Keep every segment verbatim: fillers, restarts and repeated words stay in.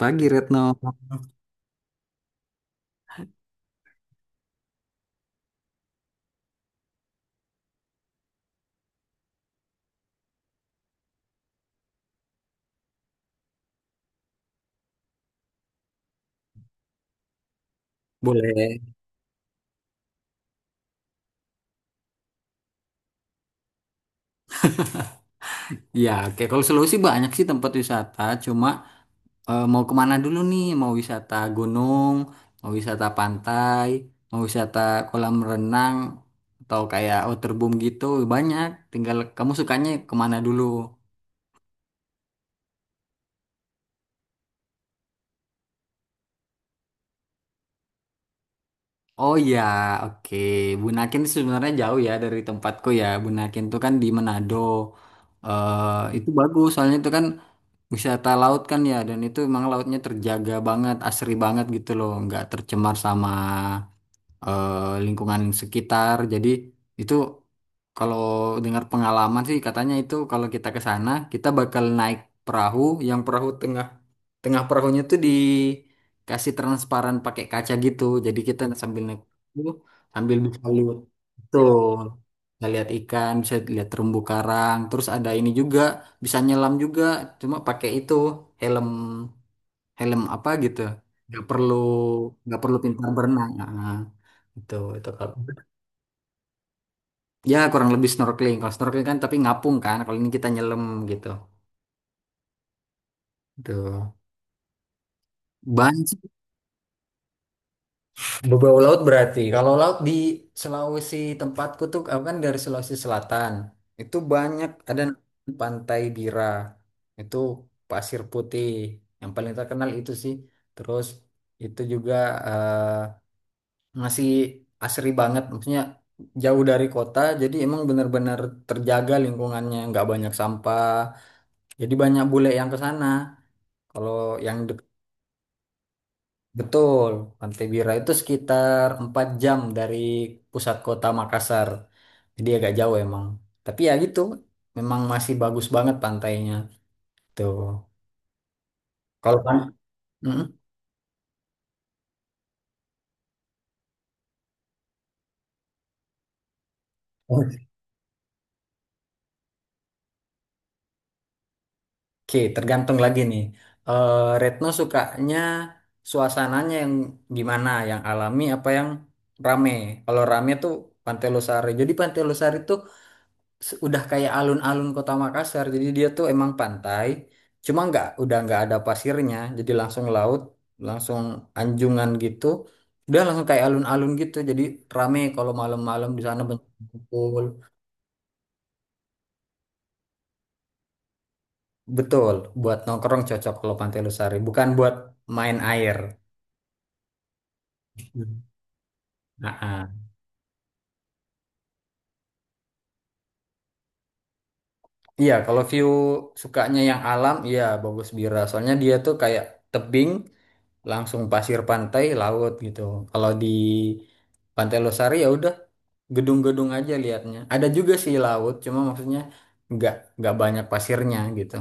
Pagi Retno. Boleh. Ya, oke. Kalau Sulawesi banyak sih tempat wisata. Cuma eh, mau kemana dulu nih? Mau wisata gunung, mau wisata pantai, mau wisata kolam renang, atau kayak waterboom gitu. Banyak. Tinggal kamu sukanya kemana dulu? Oh ya, oke. Bunaken sih sebenarnya jauh ya dari tempatku ya. Bunaken tuh kan di Manado. eh itu bagus, soalnya itu kan wisata laut kan ya, dan itu emang lautnya terjaga banget, asri banget gitu loh, nggak tercemar sama eh, lingkungan sekitar. Jadi itu kalau dengar pengalaman sih, katanya itu kalau kita ke sana kita bakal naik perahu, yang perahu tengah tengah perahunya tuh dikasih transparan pakai kaca gitu. Jadi kita sambil naik perahu sambil bisa lihat. Betul, bisa lihat ikan, bisa lihat terumbu karang, terus ada ini juga, bisa nyelam juga cuma pakai itu helm helm apa gitu. Nggak perlu nggak perlu pintar berenang. Nah, itu, itu kalau ya kurang lebih snorkeling. Kalau snorkeling kan tapi ngapung kan. Kalau ini kita nyelam gitu. Tuh. Banyak sih. Beberapa laut berarti. Kalau laut di Sulawesi tempatku tuh, aku kan dari Sulawesi Selatan. Itu banyak, ada Pantai Bira. Itu pasir putih yang paling terkenal itu sih. Terus itu juga eh, masih asri banget, maksudnya jauh dari kota jadi emang benar-benar terjaga lingkungannya, nggak banyak sampah. Jadi banyak bule yang ke sana. Kalau yang dek- Betul, Pantai Bira itu sekitar empat jam dari pusat kota Makassar. Jadi agak jauh emang. Tapi ya gitu, memang masih bagus banget pantainya. Tuh. Kalau pan Mm-mm. Oke, tergantung lagi nih. Eh, Retno sukanya suasananya yang gimana? Yang alami apa yang rame? Kalau rame tuh Pantai Losari. Jadi Pantai Losari itu se- udah kayak alun-alun kota Makassar, jadi dia tuh emang pantai cuma nggak, udah nggak ada pasirnya, jadi langsung laut, langsung anjungan gitu, udah langsung kayak alun-alun gitu, jadi rame kalau malam-malam di sana banyak yang kumpul. Betul, buat nongkrong cocok kalau Pantai Losari, bukan buat main air. Hmm. Nah, ah. Iya, kalau view sukanya yang alam, iya bagus Bira, soalnya dia tuh kayak tebing langsung pasir pantai laut gitu. Kalau di Pantai Losari ya udah gedung-gedung aja liatnya, ada juga sih laut cuma maksudnya nggak nggak banyak pasirnya gitu.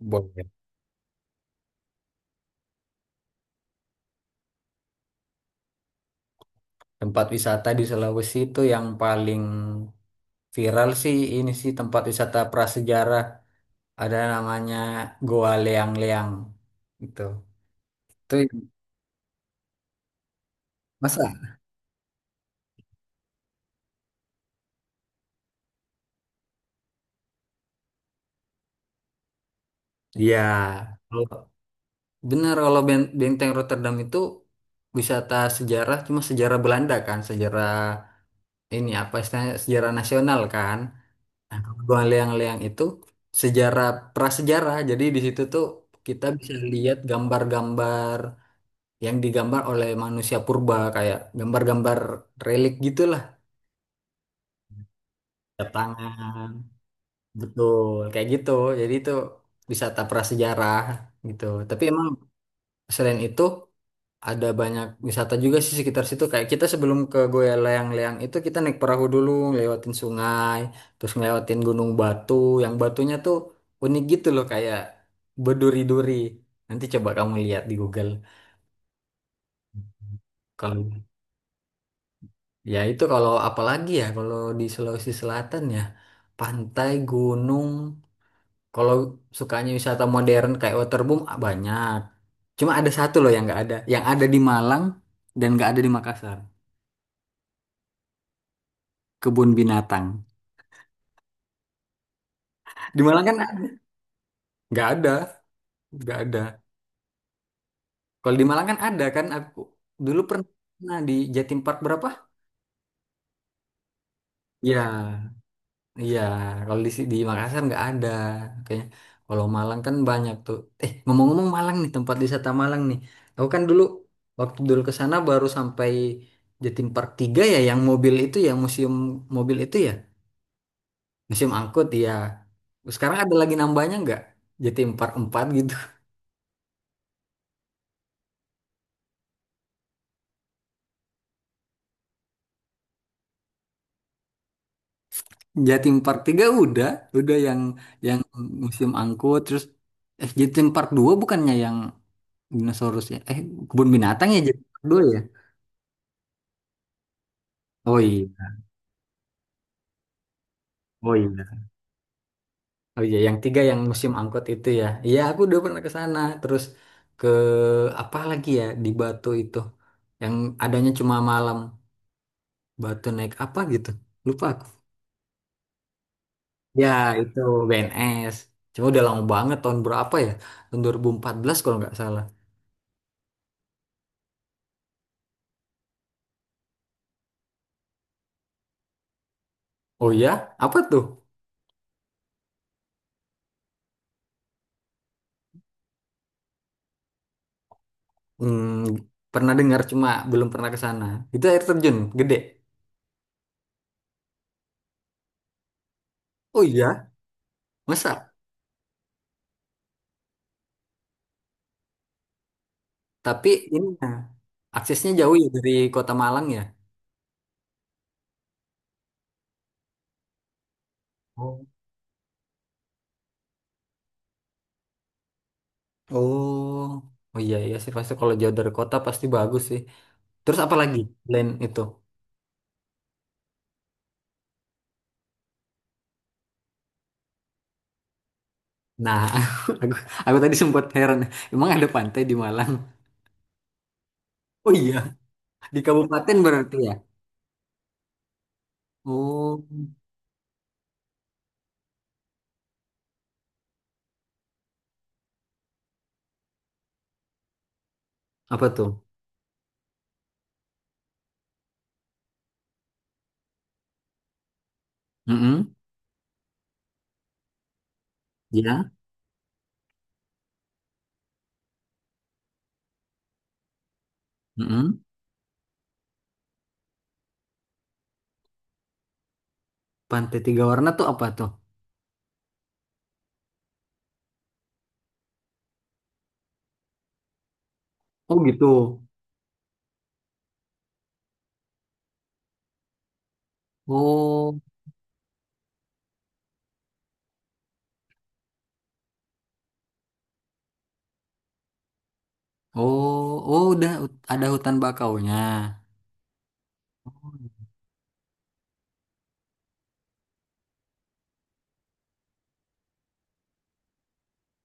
Boleh. Tempat wisata di Sulawesi itu yang paling viral sih ini sih, tempat wisata prasejarah, ada namanya Goa Leang-Leang gitu. Itu. Masa. Iya. Benar, kalau Ben- Benteng Rotterdam itu wisata sejarah, cuma sejarah Belanda kan, sejarah ini apa istilahnya, sejarah nasional kan. Gua Leang-Leang itu sejarah prasejarah. Jadi di situ tuh kita bisa lihat gambar-gambar yang digambar oleh manusia purba, kayak gambar-gambar relik gitulah. Tanda tangan. Betul, kayak gitu. Jadi itu wisata prasejarah gitu. Tapi emang selain itu ada banyak wisata juga sih sekitar situ. Kayak kita sebelum ke Goa Leang-Leang itu kita naik perahu dulu, ngelewatin sungai, terus ngelewatin Gunung Batu. Yang batunya tuh unik gitu loh, kayak berduri-duri. Nanti coba kamu lihat di Google. Kalau ya itu, kalau apalagi ya, kalau di Sulawesi Selatan ya pantai, gunung. Kalau sukanya wisata modern kayak waterboom, ah, banyak. Cuma ada satu loh yang nggak ada, yang ada di Malang dan nggak ada di Makassar. Kebun binatang. Di Malang kan nggak ada, nggak ada. Kalau di Malang kan ada, kan aku dulu pernah di Jatim Park berapa? Ya, iya. Kalau di si- di Makassar nggak ada kayaknya. Kalau Malang kan banyak tuh. Eh, ngomong-ngomong Malang nih, tempat wisata Malang nih. Aku kan dulu, waktu dulu ke sana baru sampai Jatim Park tiga ya, yang mobil itu ya, museum mobil itu ya. Museum angkut ya. Sekarang ada lagi nambahnya nggak? Jatim Park empat gitu. Jatim Park tiga udah, udah yang yang musim angkut, terus eh Jatim Park dua bukannya yang dinosaurus ya? Eh kebun binatang ya Jatim Park dua ya? Oh iya. Oh iya. Oh iya, yang tiga yang musim angkut itu ya. Iya, aku udah pernah ke sana. Terus ke apa lagi ya di Batu itu yang adanya cuma malam. Batu naik apa gitu. Lupa aku. Ya, itu B N S. Cuma udah lama banget, tahun berapa ya? Tahun dua ribu empat belas kalau nggak salah. Oh iya, apa tuh? Hmm, pernah dengar cuma belum pernah ke sana. Itu air terjun gede. Oh iya, masa? Tapi ini nah, aksesnya jauh ya dari Kota Malang ya? Oh. Oh, oh iya iya sih, pasti kalau jauh dari kota pasti bagus sih. Terus apa lagi selain itu? Nah, aku, aku tadi sempat heran. Emang ada pantai di Malang? Oh iya, di kabupaten berarti ya? Oh, apa tuh? Mm-mm, ya, mm-mm. Pantai Tiga Warna tuh apa tuh? Oh gitu. Oh, oh, oh udah hut- ada hutan bakaunya.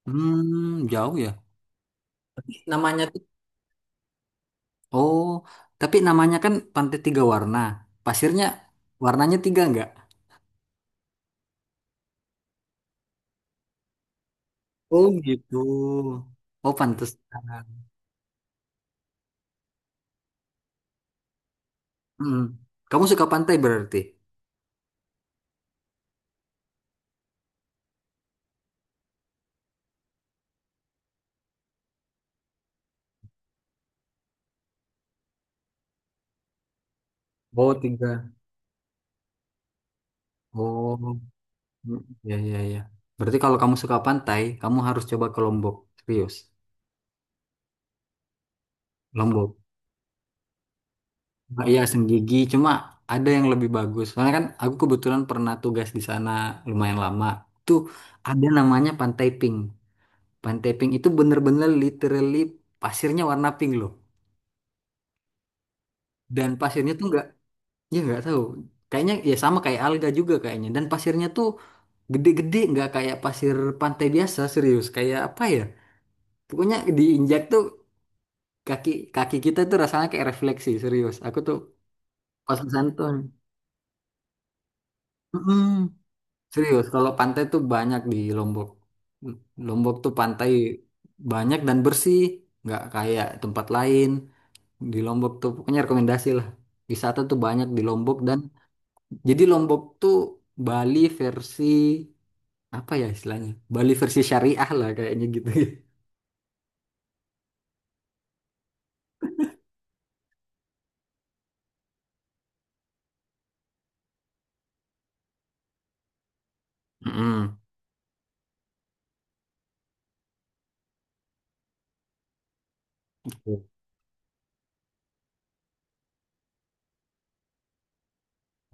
Hmm, jauh ya. Namanya tuh. Oh, tapi namanya kan Pantai Tiga Warna. Pasirnya warnanya tiga enggak? Oh gitu. Oh pantesan. Hmm. Kamu suka pantai berarti? Oh, tiga. Oh, mm, ya ya ya. Berarti kalau kamu suka pantai, kamu harus coba ke Lombok. Serius. Lombok. Nah, iya Senggigi, cuma ada yang lebih bagus. Soalnya kan aku kebetulan pernah tugas di sana lumayan lama. Tuh, ada namanya Pantai Pink. Pantai Pink itu bener-bener literally pasirnya warna pink loh. Dan pasirnya tuh nggak, ya nggak tahu. Kayaknya ya sama kayak alga juga kayaknya. Dan pasirnya tuh gede-gede, nggak kayak pasir pantai biasa, serius. Kayak apa ya? Pokoknya diinjak tuh kaki kaki kita tuh rasanya kayak refleksi, serius. Aku tuh pas ke sana tuh, mm-mm. Serius, kalau pantai tuh banyak di Lombok. Lombok tuh pantai banyak dan bersih, nggak kayak tempat lain. Di Lombok tuh pokoknya rekomendasi lah. Wisata tuh banyak di Lombok, dan jadi Lombok tuh Bali versi apa ya istilahnya? Bali versi syariah lah kayaknya gitu. Mm-mm.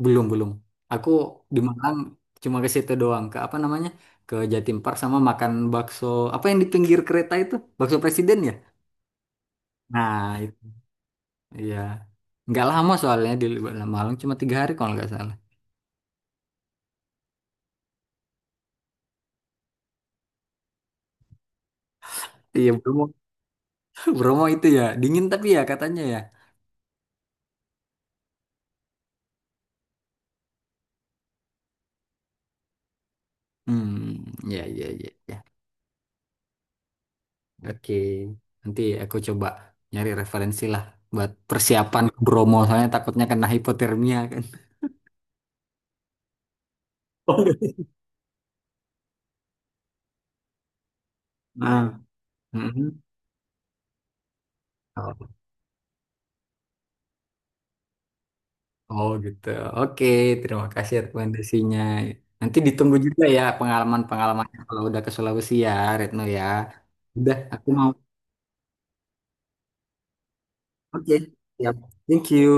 Belum, belum. Aku di Malang cuma ke situ doang, ke apa namanya? Ke Jatim Park sama makan bakso apa yang di pinggir kereta itu? Bakso Presiden ya? Nah, iya. Nggak lama, soalnya di Lembah Malang cuma tiga hari kalau nggak salah. Iya Bromo. Bromo itu ya dingin tapi ya katanya ya. Hmm, ya ya ya ya. Oke. Nanti aku coba nyari referensi lah buat persiapan ke Bromo, soalnya takutnya kena hipotermia kan. Nah, mhm. Oh, oh, gitu. Oke, terima kasih rekomendasinya. Nanti ditunggu juga ya pengalaman-pengalamannya kalau udah ke Sulawesi ya, Retno ya. Udah, aku mau. Oke, siap. Thank you.